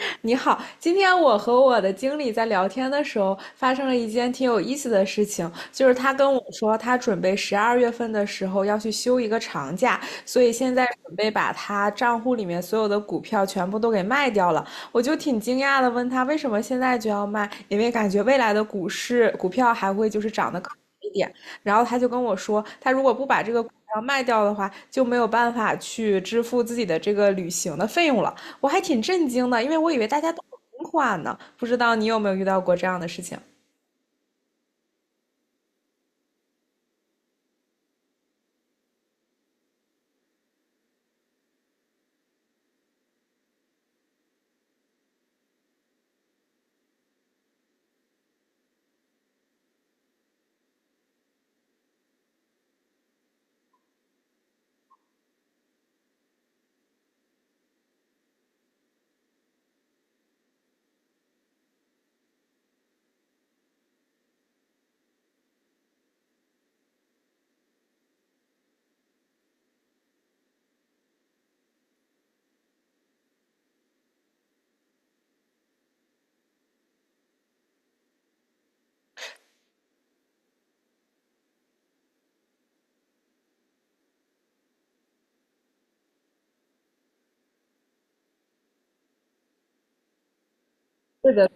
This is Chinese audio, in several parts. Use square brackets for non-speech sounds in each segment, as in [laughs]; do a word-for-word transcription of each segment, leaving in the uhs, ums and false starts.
[laughs] 你好，今天我和我的经理在聊天的时候，发生了一件挺有意思的事情，就是他跟我说，他准备十二月份的时候要去休一个长假，所以现在准备把他账户里面所有的股票全部都给卖掉了。我就挺惊讶的，问他为什么现在就要卖，因为感觉未来的股市股票还会就是涨得更一点，然后他就跟我说，他如果不把这个股票卖掉的话，就没有办法去支付自己的这个旅行的费用了。我还挺震惊的，因为我以为大家都存款呢，不知道你有没有遇到过这样的事情？是的，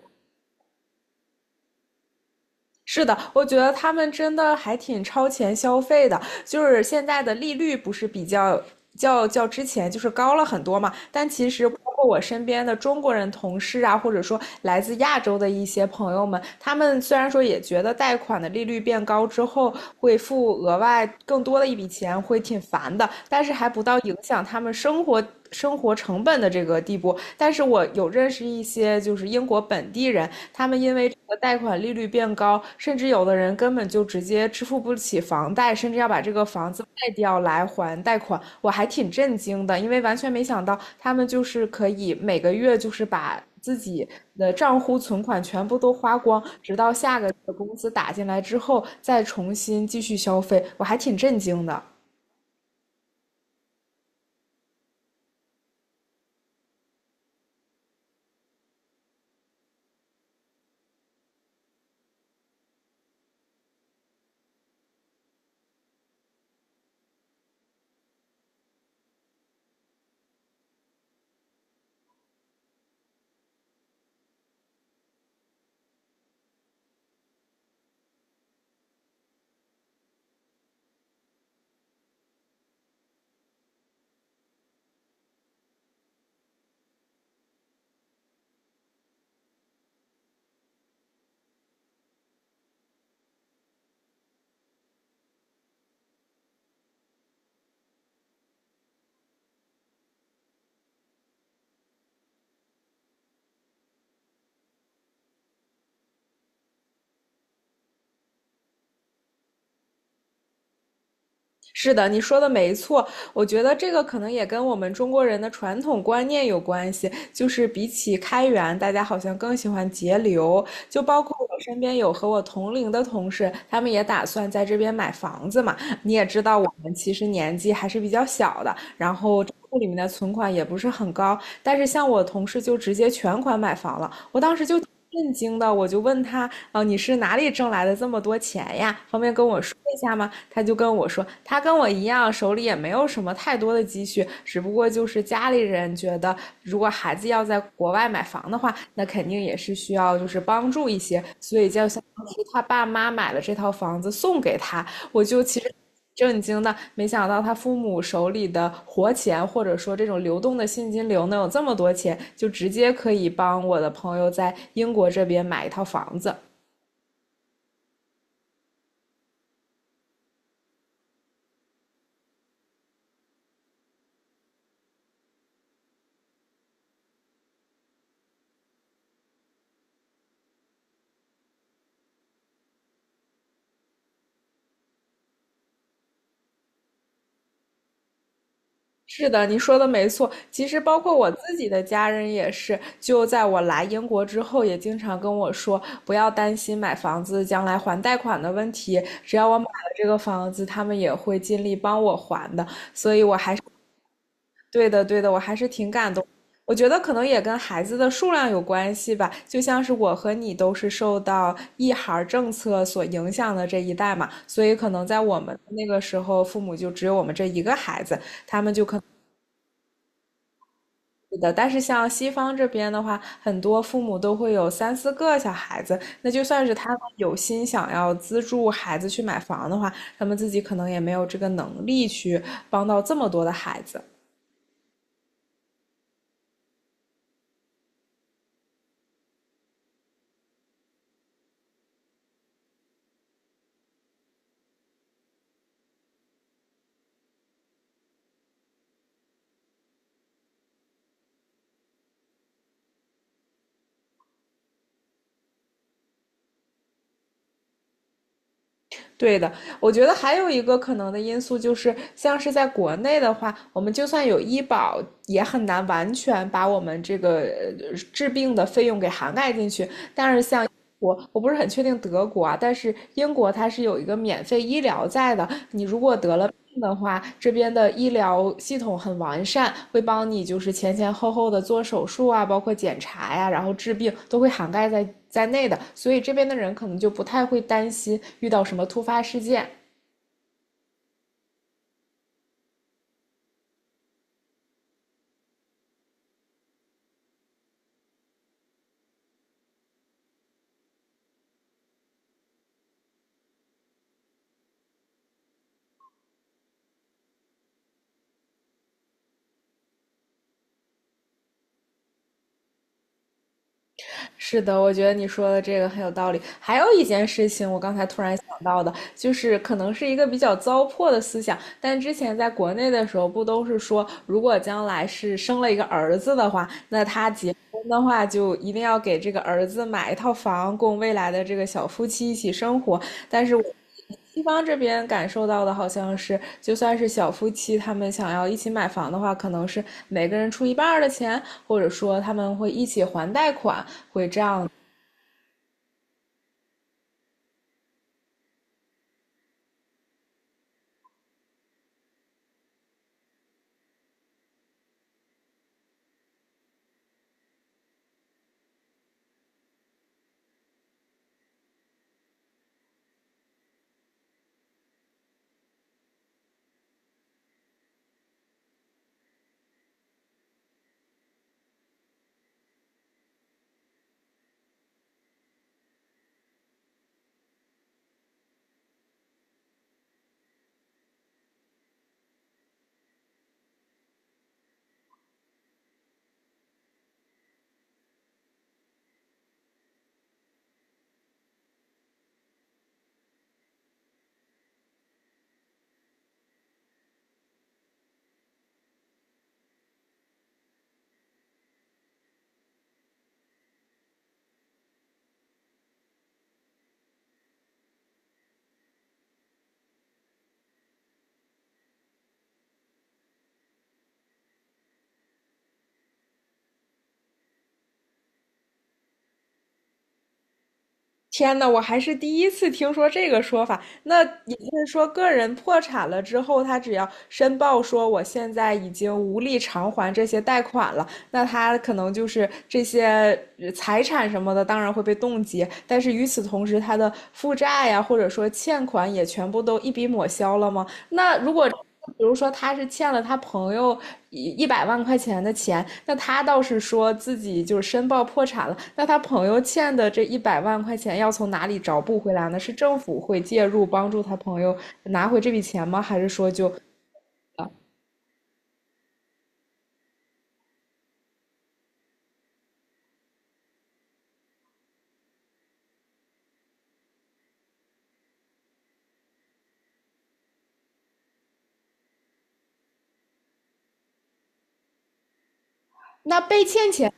是的，我觉得他们真的还挺超前消费的，就是现在的利率不是比较较较之前就是高了很多嘛，但其实包括我身边的中国人同事啊，或者说来自亚洲的一些朋友们，他们虽然说也觉得贷款的利率变高之后会付额外更多的一笔钱，会挺烦的，但是还不到影响他们生活生活成本的这个地步。但是我有认识一些就是英国本地人，他们因为这个贷款利率变高，甚至有的人根本就直接支付不起房贷，甚至要把这个房子卖掉来还贷款。我还挺震惊的，因为完全没想到他们就是可以每个月就是把自己的账户存款全部都花光，直到下个月工资打进来之后再重新继续消费，我还挺震惊的。是的，你说的没错。我觉得这个可能也跟我们中国人的传统观念有关系，就是比起开源，大家好像更喜欢节流。就包括我身边有和我同龄的同事，他们也打算在这边买房子嘛。你也知道，我们其实年纪还是比较小的，然后账户里面的存款也不是很高。但是像我同事就直接全款买房了，我当时就震惊的，我就问他，呃，你是哪里挣来的这么多钱呀？方便跟我说一下吗？他就跟我说，他跟我一样，手里也没有什么太多的积蓄，只不过就是家里人觉得，如果孩子要在国外买房的话，那肯定也是需要就是帮助一些，所以就相当于他爸妈买了这套房子送给他。我就其实震惊的，没想到他父母手里的活钱，或者说这种流动的现金流能有这么多钱，就直接可以帮我的朋友在英国这边买一套房子。是的，你说的没错。其实包括我自己的家人也是，就在我来英国之后，也经常跟我说，不要担心买房子将来还贷款的问题，只要我买了这个房子，他们也会尽力帮我还的。所以我。对的，对的，我还是挺感动。我觉得可能也跟孩子的数量有关系吧，就像是我和你都是受到一孩儿政策所影响的这一代嘛，所以可能在我们那个时候，父母就只有我们这一个孩子。是的，但是像西方这边的话，很多父母都会有三四个小孩子，那就算是他们有心想要资助孩子去买房的话，他们自己可能也没有这个能力去帮到这么多的孩子。对的，我觉得还有一个可能的因素就是，像是在国内的话，我们就算有医保，也很难完全把我们这个呃治病的费用给涵盖进去。我我不是很确定德国啊，但是英国它是有一个免费医疗在的。这样的话，这边的医疗系统很完善，会帮你就是前前后后的做手术啊，包括检查呀、然后治病都会涵盖在在内的，所以这边的人可能就不太会担心遇到什么突发事件。是的，我觉得你说的这个很有道理。还有一件事情，我刚才突然想到的，就是可能是一个比较糟粕的思想，但之前在国内的时候，不都是说，如果将来是生了一个儿子的话，那他结婚的话，就一定要给这个儿子买一套房，供未来的这个小夫妻一起生活。但是我西方这边感受到的好像是，就算是小夫妻，他们想要一起买房的话，可能是每个人出一半儿的钱，或者说他们会一起还贷款，天呐，我还是第一次听说这个说法。那也就是说，个人破产了之后，他只要申报说我现在已经无力偿还这些贷款了，那他可能就是这些呃财产什么的，当然会被冻结。但是与此同时，他的负债呀，或者说欠款也全部都一笔抹消了吗？那如果比如说他是欠了他朋友一一百万块钱的钱，那他倒是说自己就是申报破产了，那他朋友欠的这一百万块钱要从哪里找补回来呢？是政府会介入帮助他朋友拿回这笔钱吗？还是说就那被欠钱，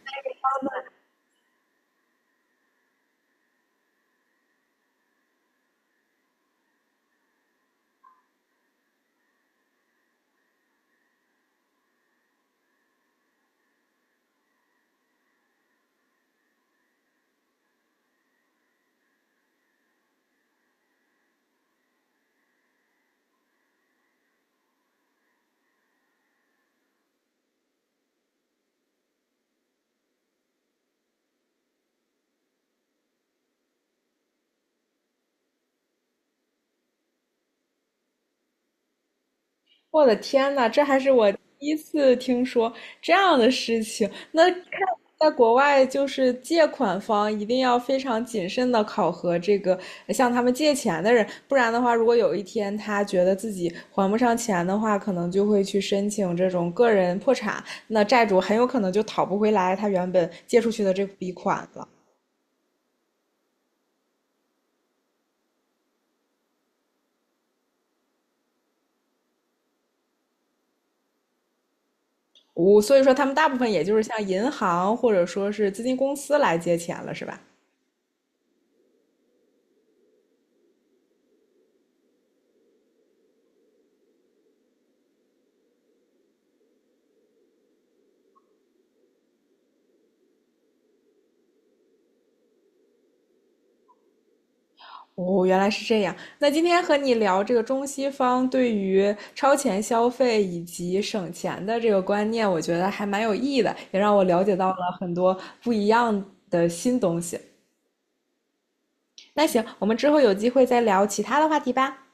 我的天呐，这还是我第一次听说这样的事情。那看在国外，就是借款方一定要非常谨慎的考核这个向他们借钱的人，不然的话，如果有一天他觉得自己还不上钱的话，可能就会去申请这种个人破产，那债主很有可能就讨不回来他原本借出去的这笔款了。我所以说，他们大部分也就是向银行或者说是资金公司来借钱了，是吧？哦，原来是这样。那今天和你聊这个中西方对于超前消费以及省钱的这个观念，我觉得还蛮有意义的，也让我了解到了很多不一样的新东西。那行，我们之后有机会再聊其他的话题吧。